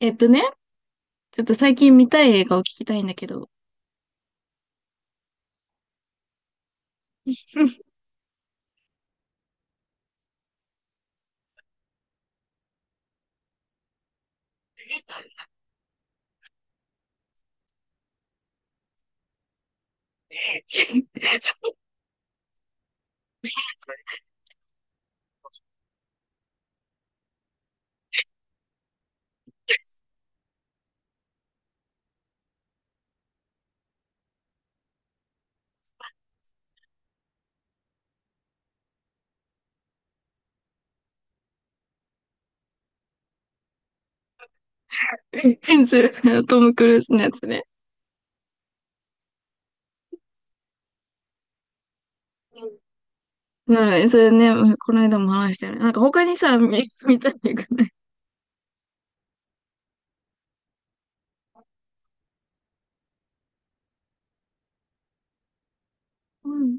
えっとね、ちょっと最近見たい映画を聞きたいんだけど。それトム・クルーズのやつね。うん、それね、この間も話したよね。なんか他にさ、見たい映画ね。うん、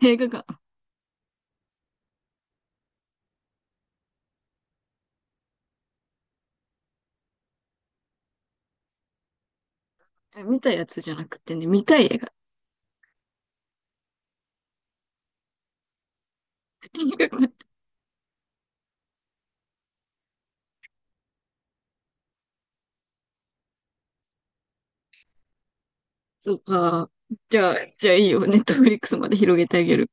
映画が、見たやつじゃなくてね、見たい映画。映画館。そうか。じゃあ、いいよ。ネットフリックスまで広げてあげる。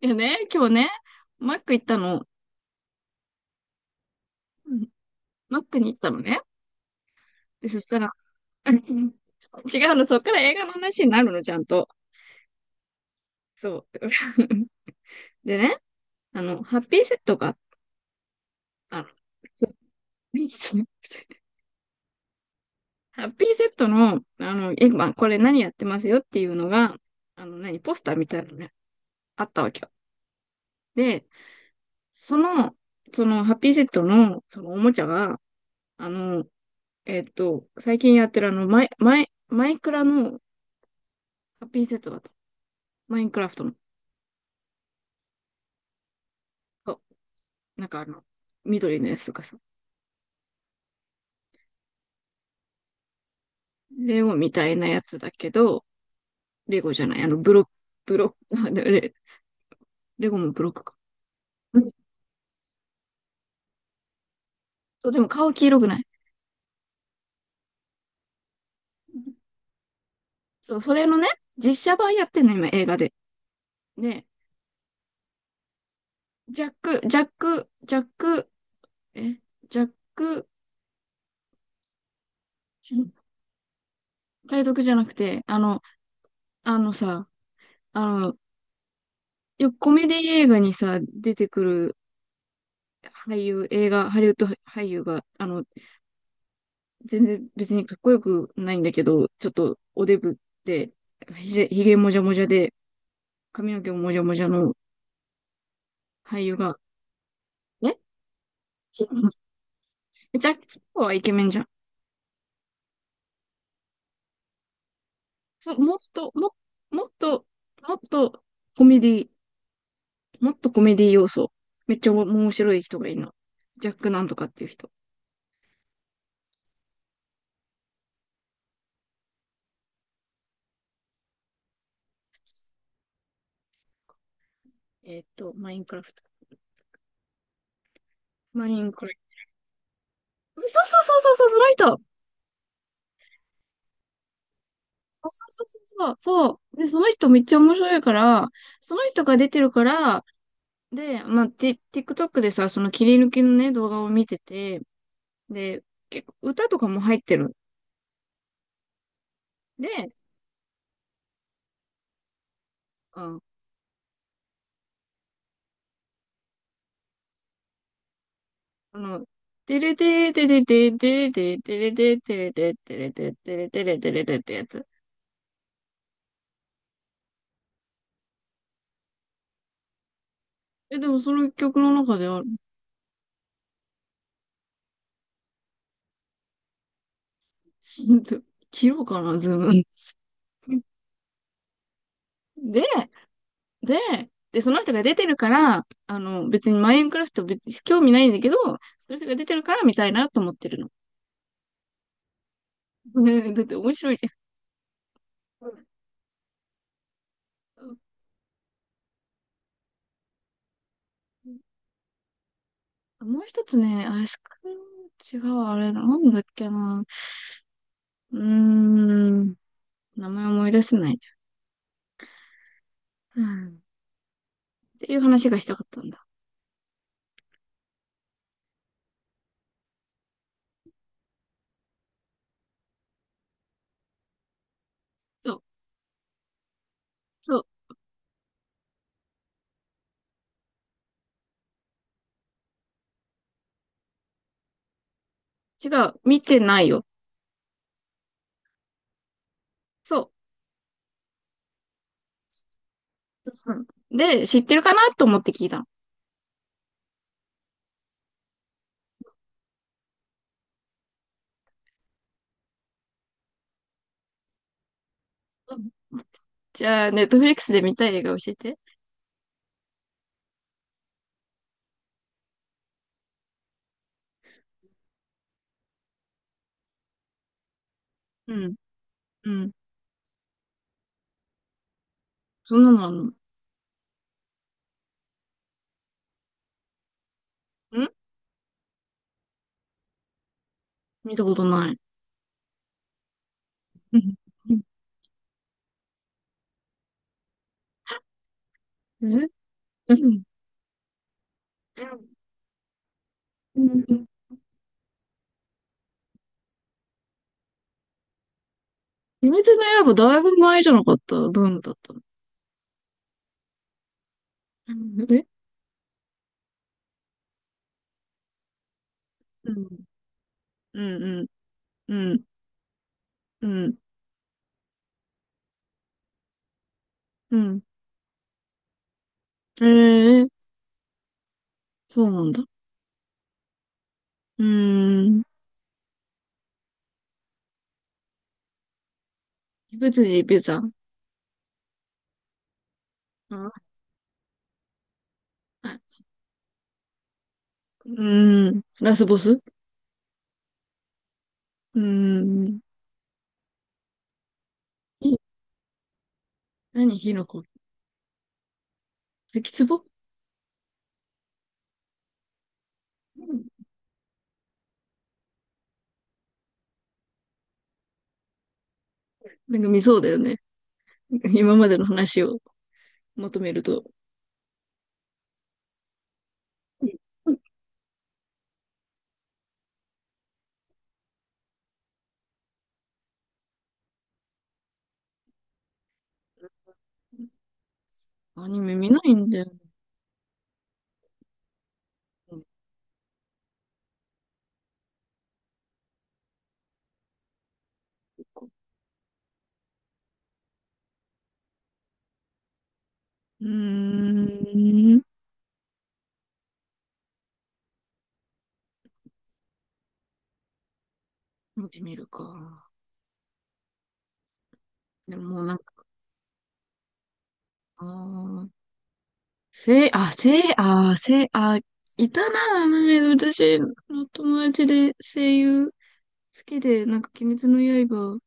いやね、今日ね、マック行ったの。うん。マックに行ったのね。で、そしたら、違うの、そっから映画の話になるの、ちゃんと。そう。でね、ハッピーセットが、あの、ちょ何質問？ハッピーセットの、まあ、これ何やってますよっていうのが、ポスターみたいなのがあったわけよ。で、その、その、ハッピーセットの、おもちゃが、あの、最近やってるマイクラのハッピーセットだと。マインクラフトの。そう。なんか緑のやつとかさ。レゴみたいなやつだけど、レゴじゃない、ブロック、レゴもブロックか。そう、でも顔黄色くない。そう、それのね、実写版やってんの、今、映画で。で、ジャック、ジャック、ジャック、え、ジャック、海賊じゃなくて、あの、あのさ、あの、よくコメディ映画にさ、出てくる俳優、映画、ハリウッド俳優が、全然別にかっこよくないんだけど、ちょっとおデブで、ひげもじゃもじゃで、髪の毛ももじゃもじゃの俳優が、え違います。 ジャック・スパロウはイケメンじゃん。そう、もっと、もっとコメディ、もっとコメディ要素。めっちゃ面白い人がいるの。ジャックなんとかっていう人。マインクラフト。マインクラフト。そうそうそうそうそう、その人。あ、そうそうそうそう。そうで、その人めっちゃ面白いから、その人が出てるから、で、まあ、TikTok でさ、その切り抜きのね、動画を見てて、で、結構歌とかも入ってる。で、うん、あの、てれてーてれてーてれてーてれてーてれてーてれてーてれてーてれてーてれてーってやつ。でもその曲の中である。切ろうかな、ズーム。で、で、その人が出てるから、別にマインクラフト別に興味ないんだけど、その人が出てるから見たいなと思ってるの。ねだって面白いじゃん。もう一つね、アイスクリーム、違う、あれ、なんだっけな。うーん、名前思い出せない。うんっていう話がしたかったんだ。そう。そう。違う。見てないよ。そう。うん。で、知ってるかなと思って聞いたの。うん。じゃあ、ネットフリックスで見たい映画教えて。うん。うん。そんなのあんのん？見たことない。うん。うん。え。うん。うん。うん。秘密の刃だいぶ前じゃなかった分だったの？うん。え。うん。うん。うん。うん。うん。うん。ええー、そうなんだ。うーん。別人別さん。うん。はい。うーん。ラスボス。うーん。い何、火の粉？滝壺。なんか見そうだよね。今までの話をまとめると。うん。アニメ見ないんだよ。うーん。見てみるか。でももうなんか、あー、せい、あ、せい、あー、せい、あー、いたな、アニメで私の友達で声優好きで、なんか、鬼滅の刃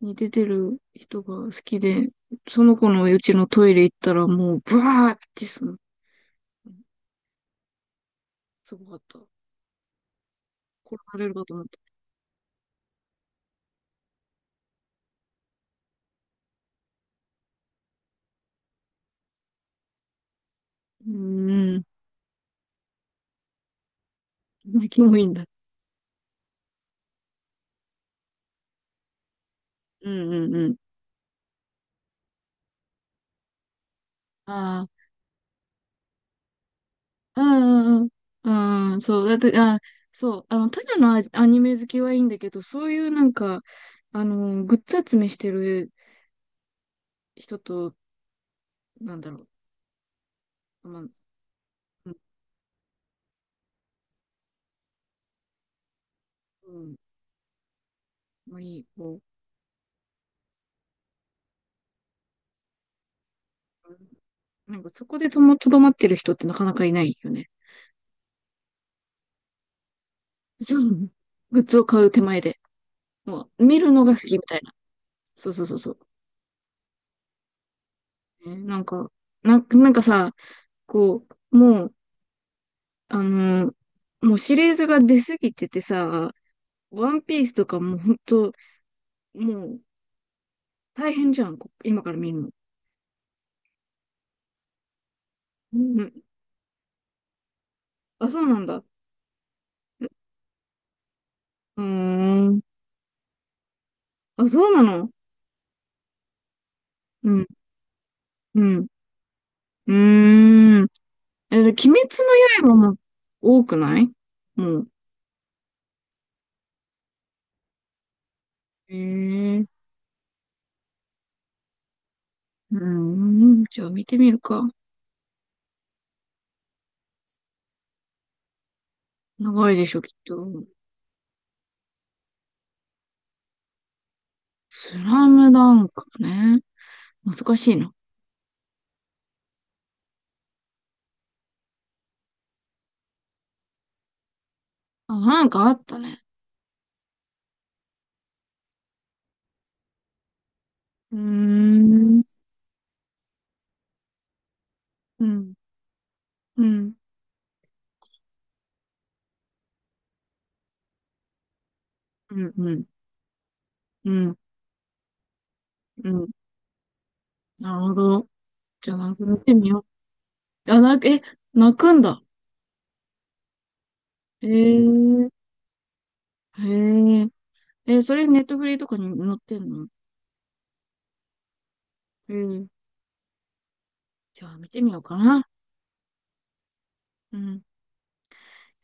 に出てる人が好きで、その子のうちのトイレ行ったらもう、ブワーってすごかった。殺されるかと思った。うーん。まあ、もいいんだ。うん。うん。うん。ああ、うん。うん。うん。うん、そう。だって、あ、そう。ただのアニメ好きはいいんだけど、そういうなんか、グッズ集めしてる人と、なんだろう。まあ、うん、うん、まあいい、うん、なんかそこでとどまってる人ってなかなかいないよね。そう。グッズを買う手前で。もう、見るのが好きみたいな。そうそうそうそう。なんか、なんかさ、こう、もう、あのーもうシリーズが出すぎててさ、ワンピースとかもうほんと、もう大変じゃん、今から見るの。うん。あ、そうなんだ。うーん。あ、そうなの。うん、うん。うーん。え、で鬼滅の刃も多くないもう？えー、うーん。じゃあ見てみるか。長いでしょ、きっと。スラムダンクね。難しいな。あ、なんかあったね。うーん。うん。うん。うん。うん。うん。うん。なるほど。じゃあ、なくなってみよう。あ、泣くんだ。へえ。へえ。え、それネットフリーとかに載ってんの？ええ。じゃあ、見てみようかな。うん。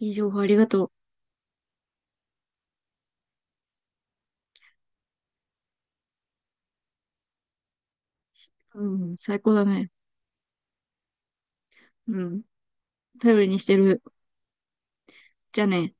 いい情報ありがとう。うん。最高だね。うん。頼りにしてる。じゃあね。